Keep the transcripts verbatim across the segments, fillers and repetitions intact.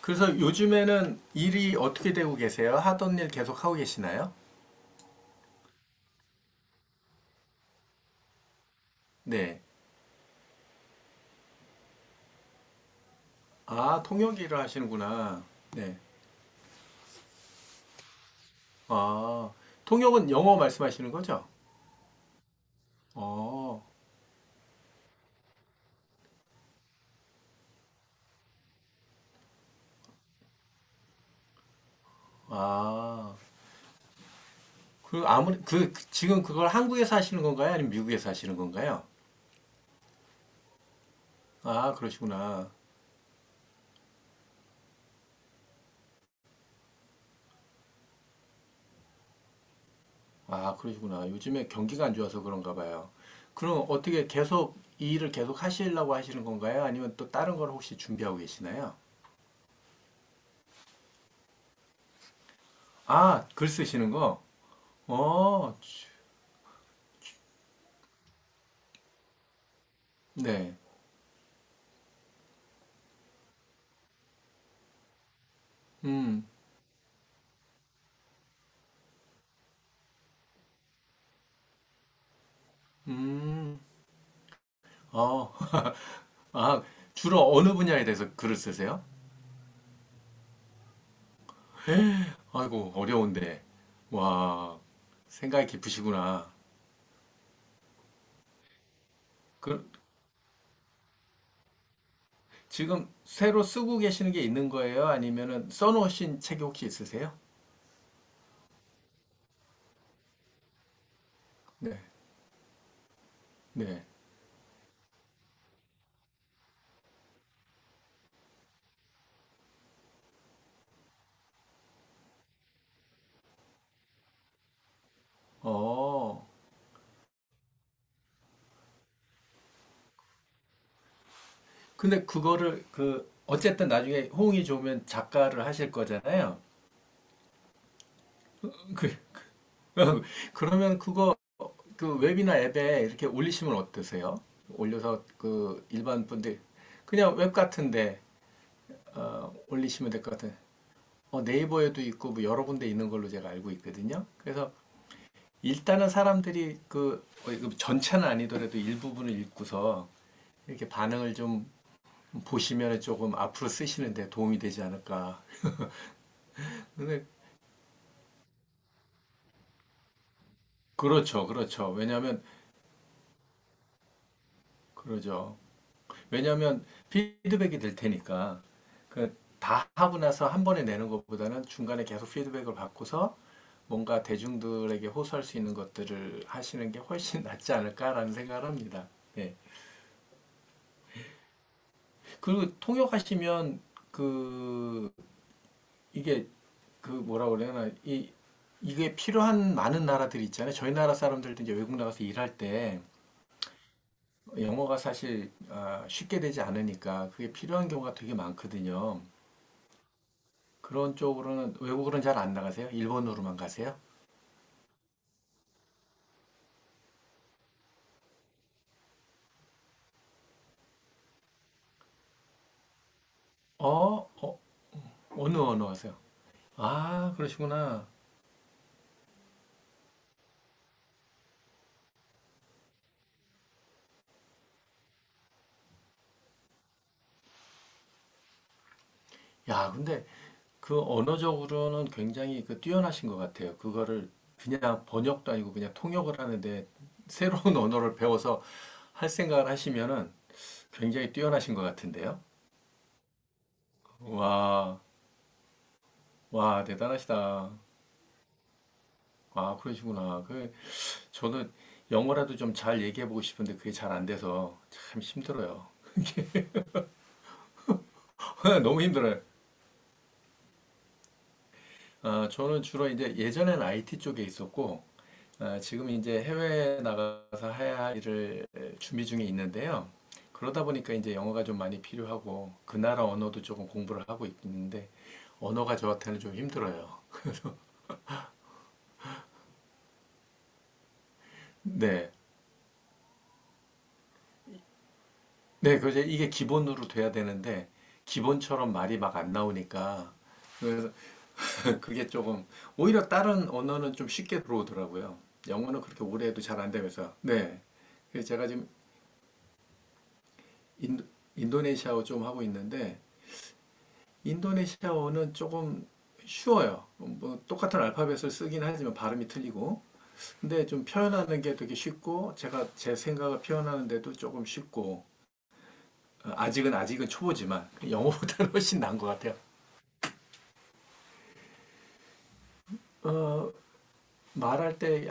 그래서 요즘에는 일이 어떻게 되고 계세요? 하던 일 계속 하고 계시나요? 네. 아, 통역 일을 하시는구나. 네. 아, 통역은 영어 말씀하시는 거죠? 어, 아. 그 아무리 그 그- 지금 그걸 한국에서 하시는 건가요? 아니면 미국에서 하시는 건가요? 아, 그러시구나. 아, 그러시구나. 요즘에 경기가 안 좋아서 그런가 봐요. 그럼 어떻게 계속 이 일을 계속 하시려고 하시는 건가요? 아니면 또 다른 걸 혹시 준비하고 계시나요? 아, 글 쓰시는 거? 어, 네. 음. 음. 아. 아, 주로 어느 분야에 대해서 글을 쓰세요? 아이고, 어려운데. 와, 생각이 깊으시구나. 그, 지금 새로 쓰고 계시는 게 있는 거예요? 아니면은 써놓으신 책이 혹시 있으세요? 네. 네. 어. 근데 그거를 그 어쨌든 나중에 호응이 좋으면 작가를 하실 거잖아요. 그 그러면 그거 그 웹이나 앱에 이렇게 올리시면 어떠세요? 올려서 그 일반 분들 그냥 웹 같은데 어, 올리시면 될 것 같은. 어, 네이버에도 있고 뭐 여러 군데 있는 걸로 제가 알고 있거든요. 그래서 일단은 사람들이 그 어, 전체는 아니더라도 일부분을 읽고서 이렇게 반응을 좀 보시면 조금 앞으로 쓰시는데 도움이 되지 않을까. 근데 그렇죠, 그렇죠. 왜냐하면 그러죠. 왜냐하면 피드백이 될 테니까 그 다 하고 나서 한 번에 내는 것보다는 중간에 계속 피드백을 받고서 뭔가 대중들에게 호소할 수 있는 것들을 하시는 게 훨씬 낫지 않을까라는 생각을 합니다. 예. 그리고 통역하시면 그 이게 그 뭐라 그래나 이 이게 필요한 많은 나라들이 있잖아요. 저희 나라 사람들도 이제 외국 나가서 일할 때 영어가 사실 아, 쉽게 되지 않으니까 그게 필요한 경우가 되게 많거든요. 그런 쪽으로는 외국으로는 잘 안 나가세요? 일본으로만 가세요? 어? 어? 어느 언어 하세요? 아, 그러시구나. 야, 근데 그 언어적으로는 굉장히 그 뛰어나신 것 같아요. 그거를 그냥 번역도 아니고 그냥 통역을 하는데 새로운 언어를 배워서 할 생각을 하시면은 굉장히 뛰어나신 것 같은데요? 와, 와, 대단하시다. 아, 그러시구나. 그, 저는 영어라도 좀 잘 얘기해보고 싶은데 그게 잘 안 돼서 참 힘들어요. 너무 힘들어요. 어, 저는 주로 이제 예전엔 아이티 쪽에 있었고, 어, 지금 이제 해외에 나가서 해야 할 일을 준비 중에 있는데요. 그러다 보니까 이제 영어가 좀 많이 필요하고, 그 나라 언어도 조금 공부를 하고 있는데, 언어가 저한테는 좀 힘들어요. 네. 네, 그래서 이게 기본으로 돼야 되는데, 기본처럼 말이 막 안 나오니까, 그래서 그게 조금, 오히려 다른 언어는 좀 쉽게 들어오더라고요. 영어는 그렇게 오래 해도 잘 안 되면서, 네. 그래서 제가 지금 인도, 인도네시아어 좀 하고 있는데 인도네시아어는 조금 쉬워요. 뭐 똑같은 알파벳을 쓰긴 하지만 발음이 틀리고 근데 좀 표현하는 게 되게 쉽고 제가 제 생각을 표현하는데도 조금 쉽고 어, 아직은 아직은 초보지만 영어보다는 훨씬 나은 것 같아요. 어, 말할 때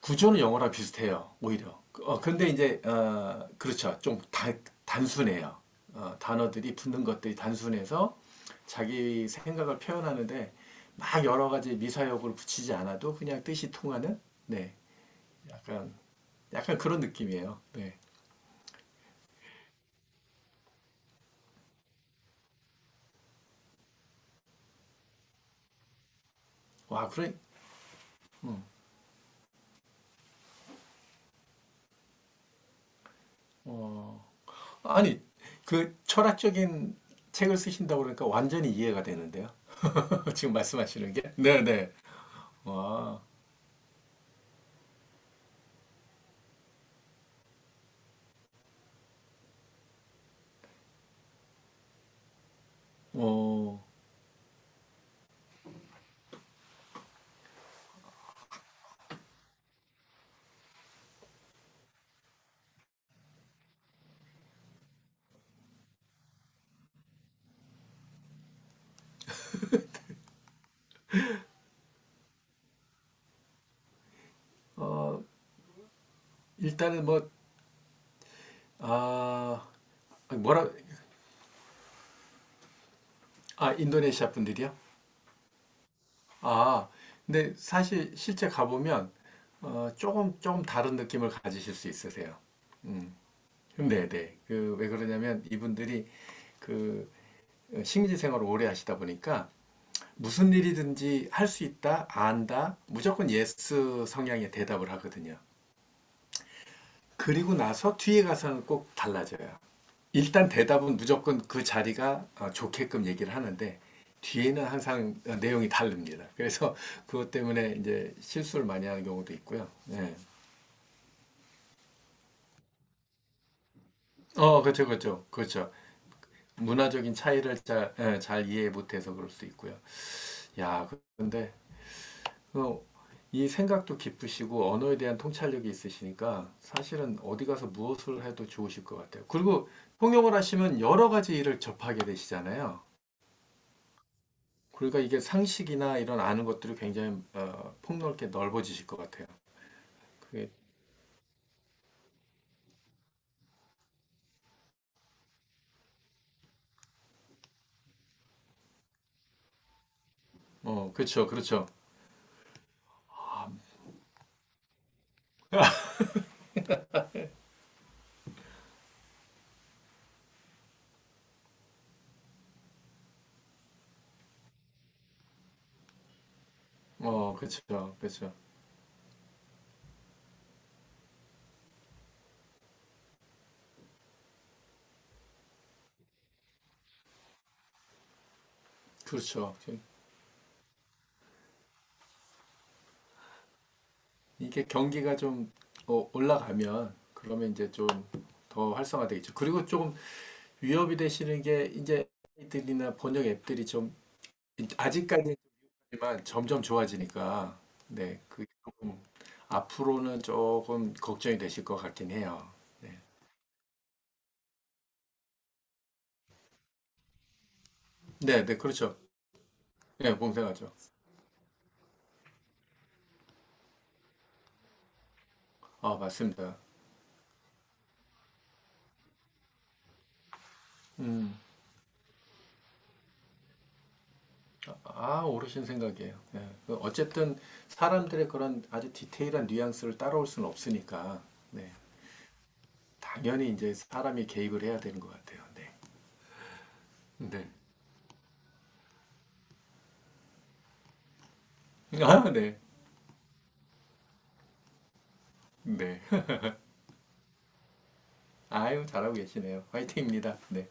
구조는 영어랑 비슷해요, 오히려. 어, 근데 이제, 어, 그렇죠. 좀 다, 단순해요. 어, 단어들이 붙는 것들이 단순해서 자기 생각을 표현하는데 막 여러 가지 미사역을 붙이지 않아도 그냥 뜻이 통하는? 네. 약간, 약간 그런 느낌이에요. 네. 와, 그래. 음, 어, 아니, 그 철학적인 책을 쓰신다고 그러니까 완전히 이해가 되는데요. 지금 말씀하시는 게. 네네. 와, 어, 어, 일단은 뭐, 아, 뭐라, 아, 인도네시아 분들이요? 아, 근데 사실 실제 가보면, 어, 조금, 조금 다른 느낌을 가지실 수 있으세요. 음, 음, 네, 네. 그, 왜 그러냐면 이분들이 그 어, 식민지 생활을 오래 하시다 보니까 무슨 일이든지 할 수 있다, 안다, 무조건 예스 성향의 대답을 하거든요. 그리고 나서 뒤에 가서는 꼭 달라져요. 일단 대답은 무조건 그 자리가 어, 좋게끔 얘기를 하는데 뒤에는 항상 어, 내용이 다릅니다. 그래서 그것 때문에 이제 실수를 많이 하는 경우도 있고요. 예. 어, 그렇죠, 그렇죠, 그렇죠. 문화적인 차이를 잘, 예, 잘 이해 못해서 그럴 수도 있고요. 야, 그런데 어, 이 생각도 깊으시고 언어에 대한 통찰력이 있으시니까 사실은 어디 가서 무엇을 해도 좋으실 것 같아요. 그리고 통역을 하시면 여러 가지 일을 접하게 되시잖아요. 그러니까 이게 상식이나 이런 아는 것들이 굉장히 어, 폭넓게 넓어지실 것 같아요. 그게 어 그렇죠, 그렇죠. 아, 어 그렇죠, 그렇죠, 그렇죠. 이게 경기가 좀 어, 올라가면 그러면 이제 좀 더 활성화되겠죠. 그리고 조금 위협이 되시는 게 이제 들이나 번역 앱들이 좀 아직까지지만 점점 좋아지니까 네, 그 조금 앞으로는 조금 걱정이 되실 것 같긴 해요. 네, 네, 네, 그렇죠. 네, 공생하죠. 아, 맞습니다. 음, 아, 옳으신 생각이에요. 예. 그 어쨌든 사람들의 그런 아주 디테일한 뉘앙스를 따라올 수는 없으니까, 네. 당연히 이제 사람이 개입을 해야 되는 것 같아요. 네. 네. 아, 네. 네. 아유, 잘하고 계시네요. 화이팅입니다. 네.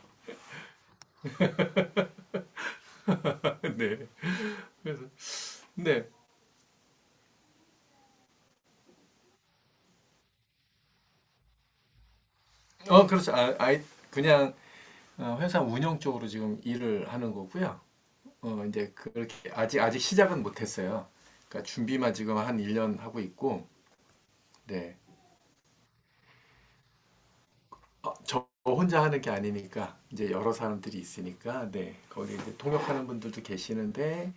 네. 그래서, 네. 어, 그렇죠. 아, 아이, 그냥 어, 회사 운영 쪽으로 지금 일을 하는 거고요. 어, 이제 그렇게 아직, 아직 시작은 못했어요. 그러니까 준비만 지금 한 일 년 하고 있고, 네. 어, 저 혼자 하는 게 아니니까 이제 여러 사람들이 있으니까 네 거기 이제 통역하는 분들도 계시는데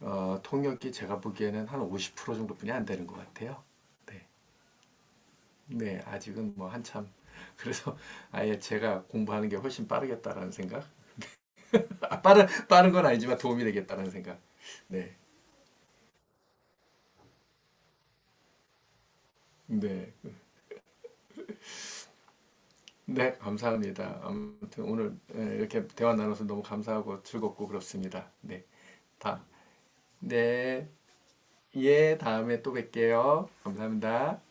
어, 통역이 제가 보기에는 한 오십 퍼센트 정도뿐이 안 되는 것 같아요. 네, 네 아직은 뭐 한참 그래서 아예 제가 공부하는 게 훨씬 빠르겠다라는 생각. 아, 빠른 빠른 건 아니지만 도움이 되겠다는 생각. 네, 네, 네 감사합니다. 아무튼 오늘 예, 이렇게 대화 나눠서 너무 감사하고 즐겁고 그렇습니다. 네, 다 네. 예, 다음에 또 뵐게요. 감사합니다.